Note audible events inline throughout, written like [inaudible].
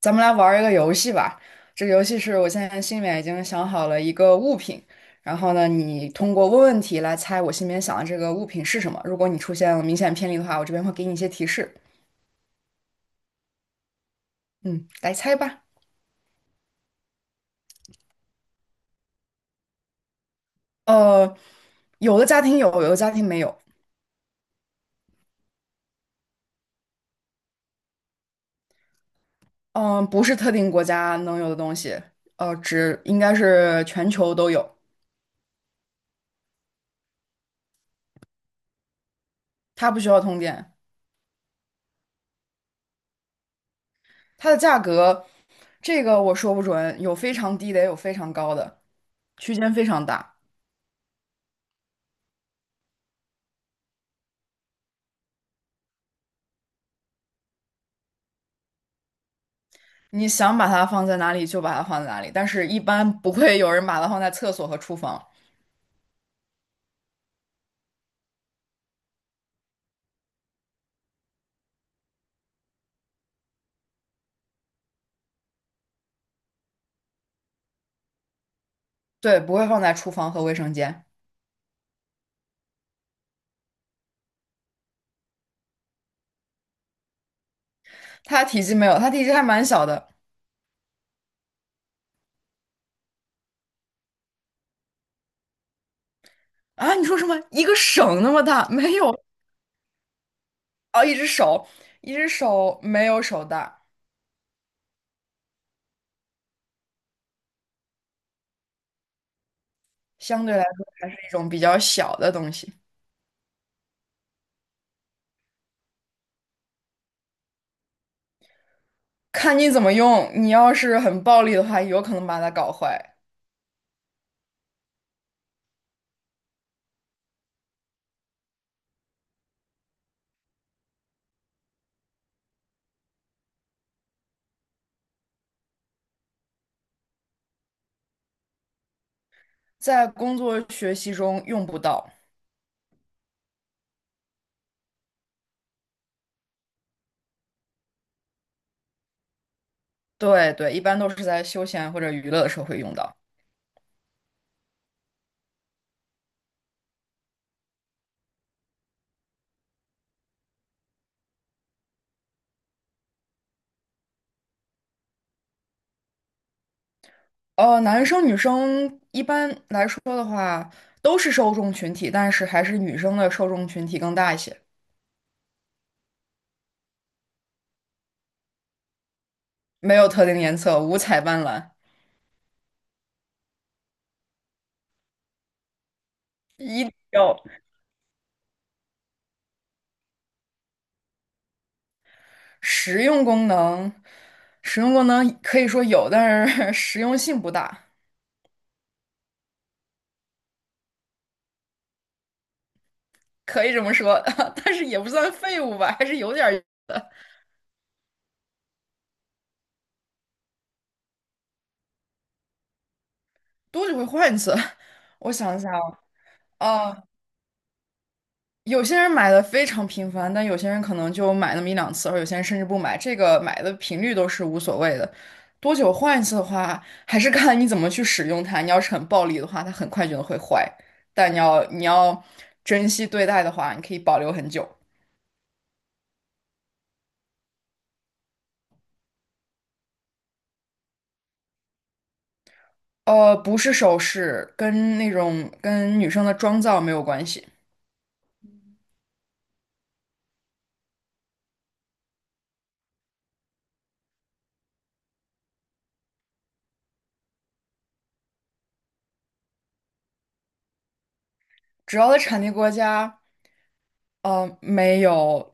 咱们来玩儿一个游戏吧。这个游戏是我现在心里面已经想好了一个物品，然后呢，你通过问问题来猜我心里面想的这个物品是什么。如果你出现了明显偏离的话，我这边会给你一些提示。嗯，来猜吧。呃，有的家庭有，有的家庭没有。嗯、不是特定国家能有的东西，只应该是全球都有。它不需要通电。它的价格，这个我说不准，有非常低的，也有非常高的，区间非常大。你想把它放在哪里就把它放在哪里，但是一般不会有人把它放在厕所和厨房。对，不会放在厨房和卫生间。它体积没有，它体积还蛮小的。啊！你说什么？一个手那么大？没有。啊，一只手，一只手没有手大，相对来说还是一种比较小的东西。看你怎么用，你要是很暴力的话，有可能把它搞坏。在工作学习中用不到。对对，一般都是在休闲或者娱乐的时候会用到。男生女生一般来说的话，都是受众群体，但是还是女生的受众群体更大一些。没有特定颜色，五彩斑斓，一定要实用功能。实用功能可以说有，但是 [laughs] 实用性不大。可以这么说，[laughs] 但是也不算废物吧，还是有点儿用的。多久会换一次。[laughs] 我想一下啊。有些人买的非常频繁，但有些人可能就买那么一两次，而有些人甚至不买。这个买的频率都是无所谓的。多久换一次的话，还是看你怎么去使用它。你要是很暴力的话，它很快就会坏；但你要珍惜对待的话，你可以保留很久。不是首饰，跟那种跟女生的妆造没有关系。只要在产地国家。没有，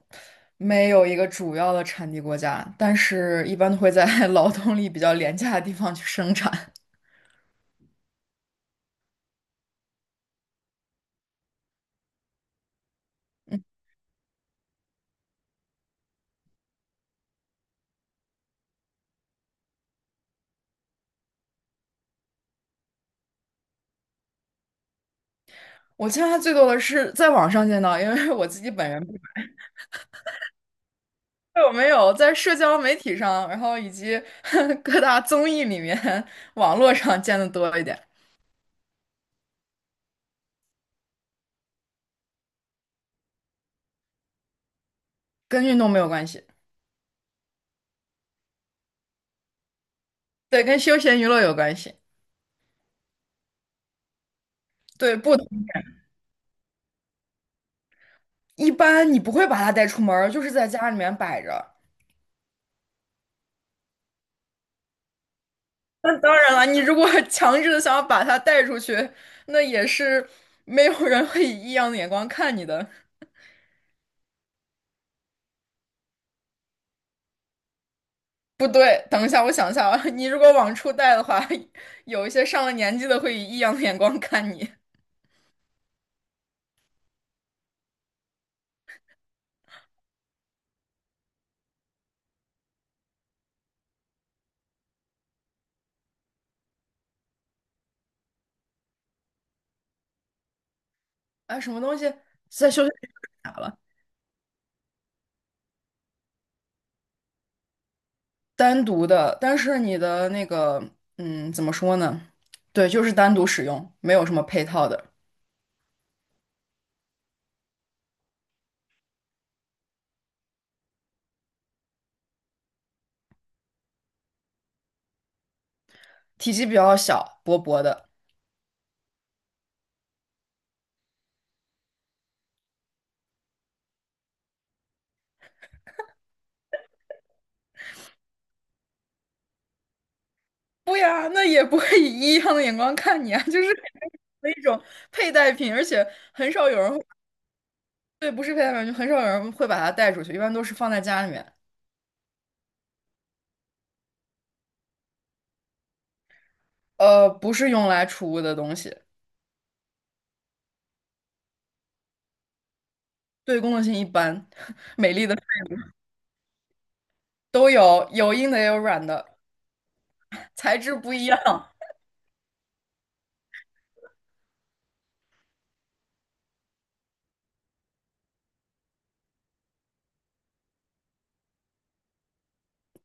没有一个主要的产地国家，但是一般都会在 [laughs] 劳动力比较廉价的地方去生产。嗯我见它最多的是在网上见到，因为我自己本人不知道有没有在社交媒体上，然后以及 [laughs] 各大综艺里面、网络上见的多一点。跟运动没有关系。对，跟休闲娱乐有关系。对，不，一般你不会把它带出门儿，就是在家里面摆着。那当然了，你如果 [laughs] 强制的想要把它带出去，那也是没有人会以异样的眼光看你的。不对，等一下，我想一下啊，你如果往出带的话，[laughs] 有一些上了年纪的会以异样的眼光看你。啊，什么东西在休息室啥了？单独的，但是你的那个，嗯，怎么说呢？对，就是单独使用，没有什么配套的。体积比较小，薄薄的。不呀，那也不会以异样的眼光看你啊，就是的一种佩戴品，而且很少有人会，对，不是佩戴品，就很少有人会把它带出去，一般都是放在家里面。不是用来储物的东西。对功能性一般，[laughs] 美丽的都有，有硬的也有软的，材质不一样。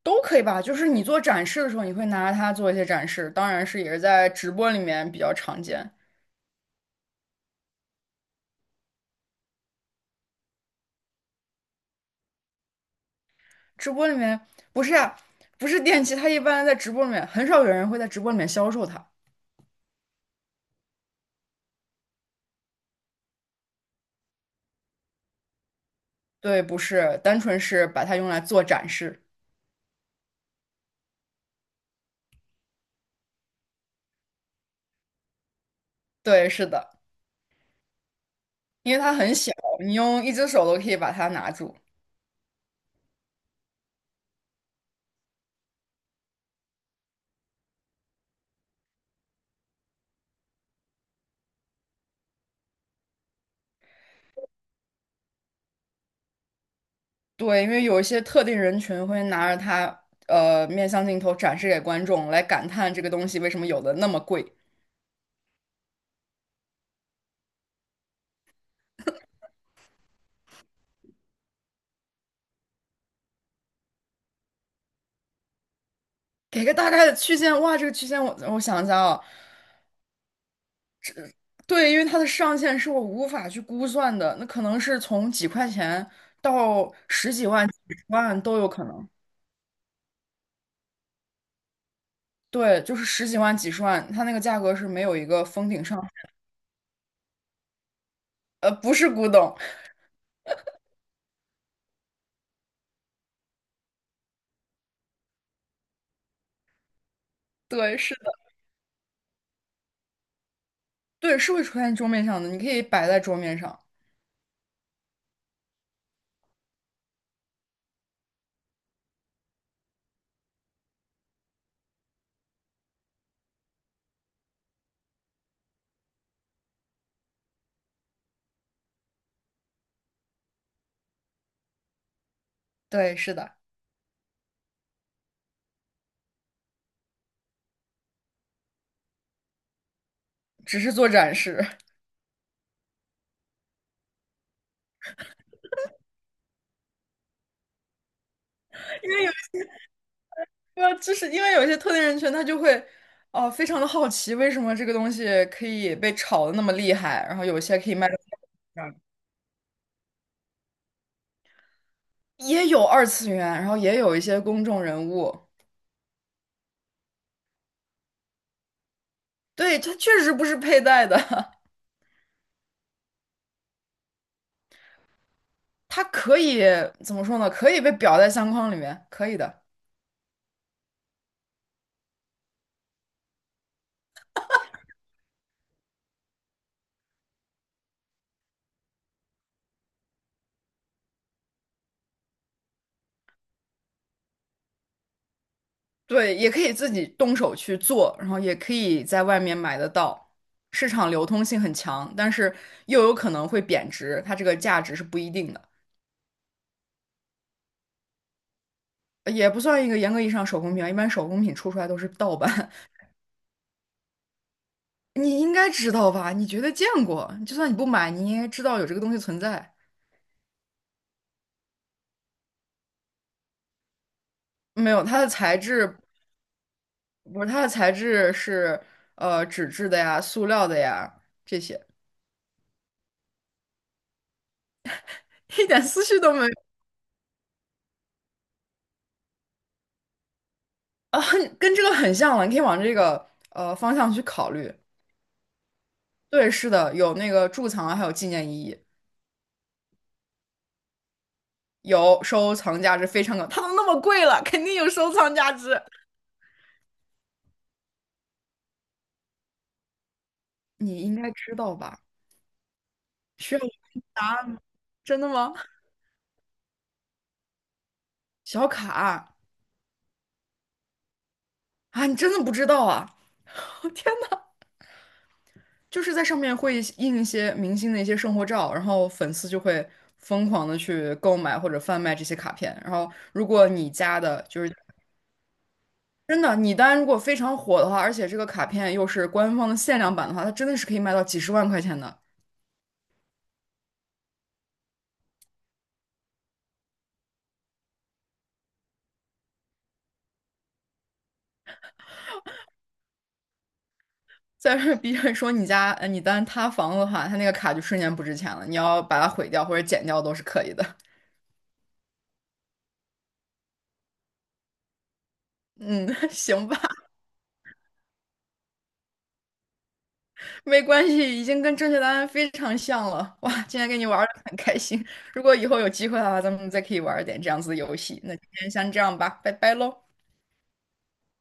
都可以吧？就是你做展示的时候，你会拿它做一些展示，当然是也是在直播里面比较常见。直播里面不是啊，不是电器，它一般在直播里面很少有人会在直播里面销售它。对，不是，单纯是把它用来做展示。对，是的，因为它很小，你用一只手都可以把它拿住。对，因为有一些特定人群会拿着它，面向镜头展示给观众，来感叹这个东西为什么有的那么贵。给个大概的区间，哇，这个区间我想一下啊。对，因为它的上限是我无法去估算的，那可能是从几块钱到十几万、几十万都有可能。对，就是十几万、几十万，它那个价格是没有一个封顶上。不是古董。对，是的，对，是会出现桌面上的，你可以摆在桌面上。对，是的，只是做展示。[laughs] 因为有一个，就是因为有一些特定人群，他就会，哦、非常的好奇，为什么这个东西可以被炒的那么厉害，然后有些可以卖的，也有二次元，然后也有一些公众人物。对，它确实不是佩戴的。[laughs] 它可以怎么说呢？可以被裱在相框里面，可以的。对，也可以自己动手去做，然后也可以在外面买得到，市场流通性很强，但是又有可能会贬值，它这个价值是不一定的。也不算一个严格意义上手工品啊。一般手工品出来都是盗版。[laughs] 你应该知道吧？你绝对见过，就算你不买，你应该知道有这个东西存在。没有，它的材质不是，它的材质是纸质的呀、塑料的呀这些。[laughs] 一点思绪都没有。啊，很跟这个很像了，你可以往这个方向去考虑。对，是的，有那个贮藏啊，还有纪念意义。有收藏价值，非常高。它都那么贵了，肯定有收藏价值。你应该知道吧？需要我给你答案吗？真的吗？小卡啊。啊，你真的不知道啊？[laughs] 我天呐，就是在上面会印一些明星的一些生活照，然后粉丝就会疯狂的去购买或者贩卖这些卡片。然后，如果你家的就是真的，你单如果非常火的话，而且这个卡片又是官方的限量版的话，它真的是可以卖到几十万块钱的。再是 B 站说你家你单塌房的话，它那个卡就瞬间不值钱了，你要把它毁掉或者剪掉都是可以的。嗯，[laughs] 行吧，没关系，已经跟正确答案非常像了。哇，今天跟你玩的很开心，如果以后有机会的话，咱们再可以玩一点这样子的游戏。那今天先这样吧，拜拜喽。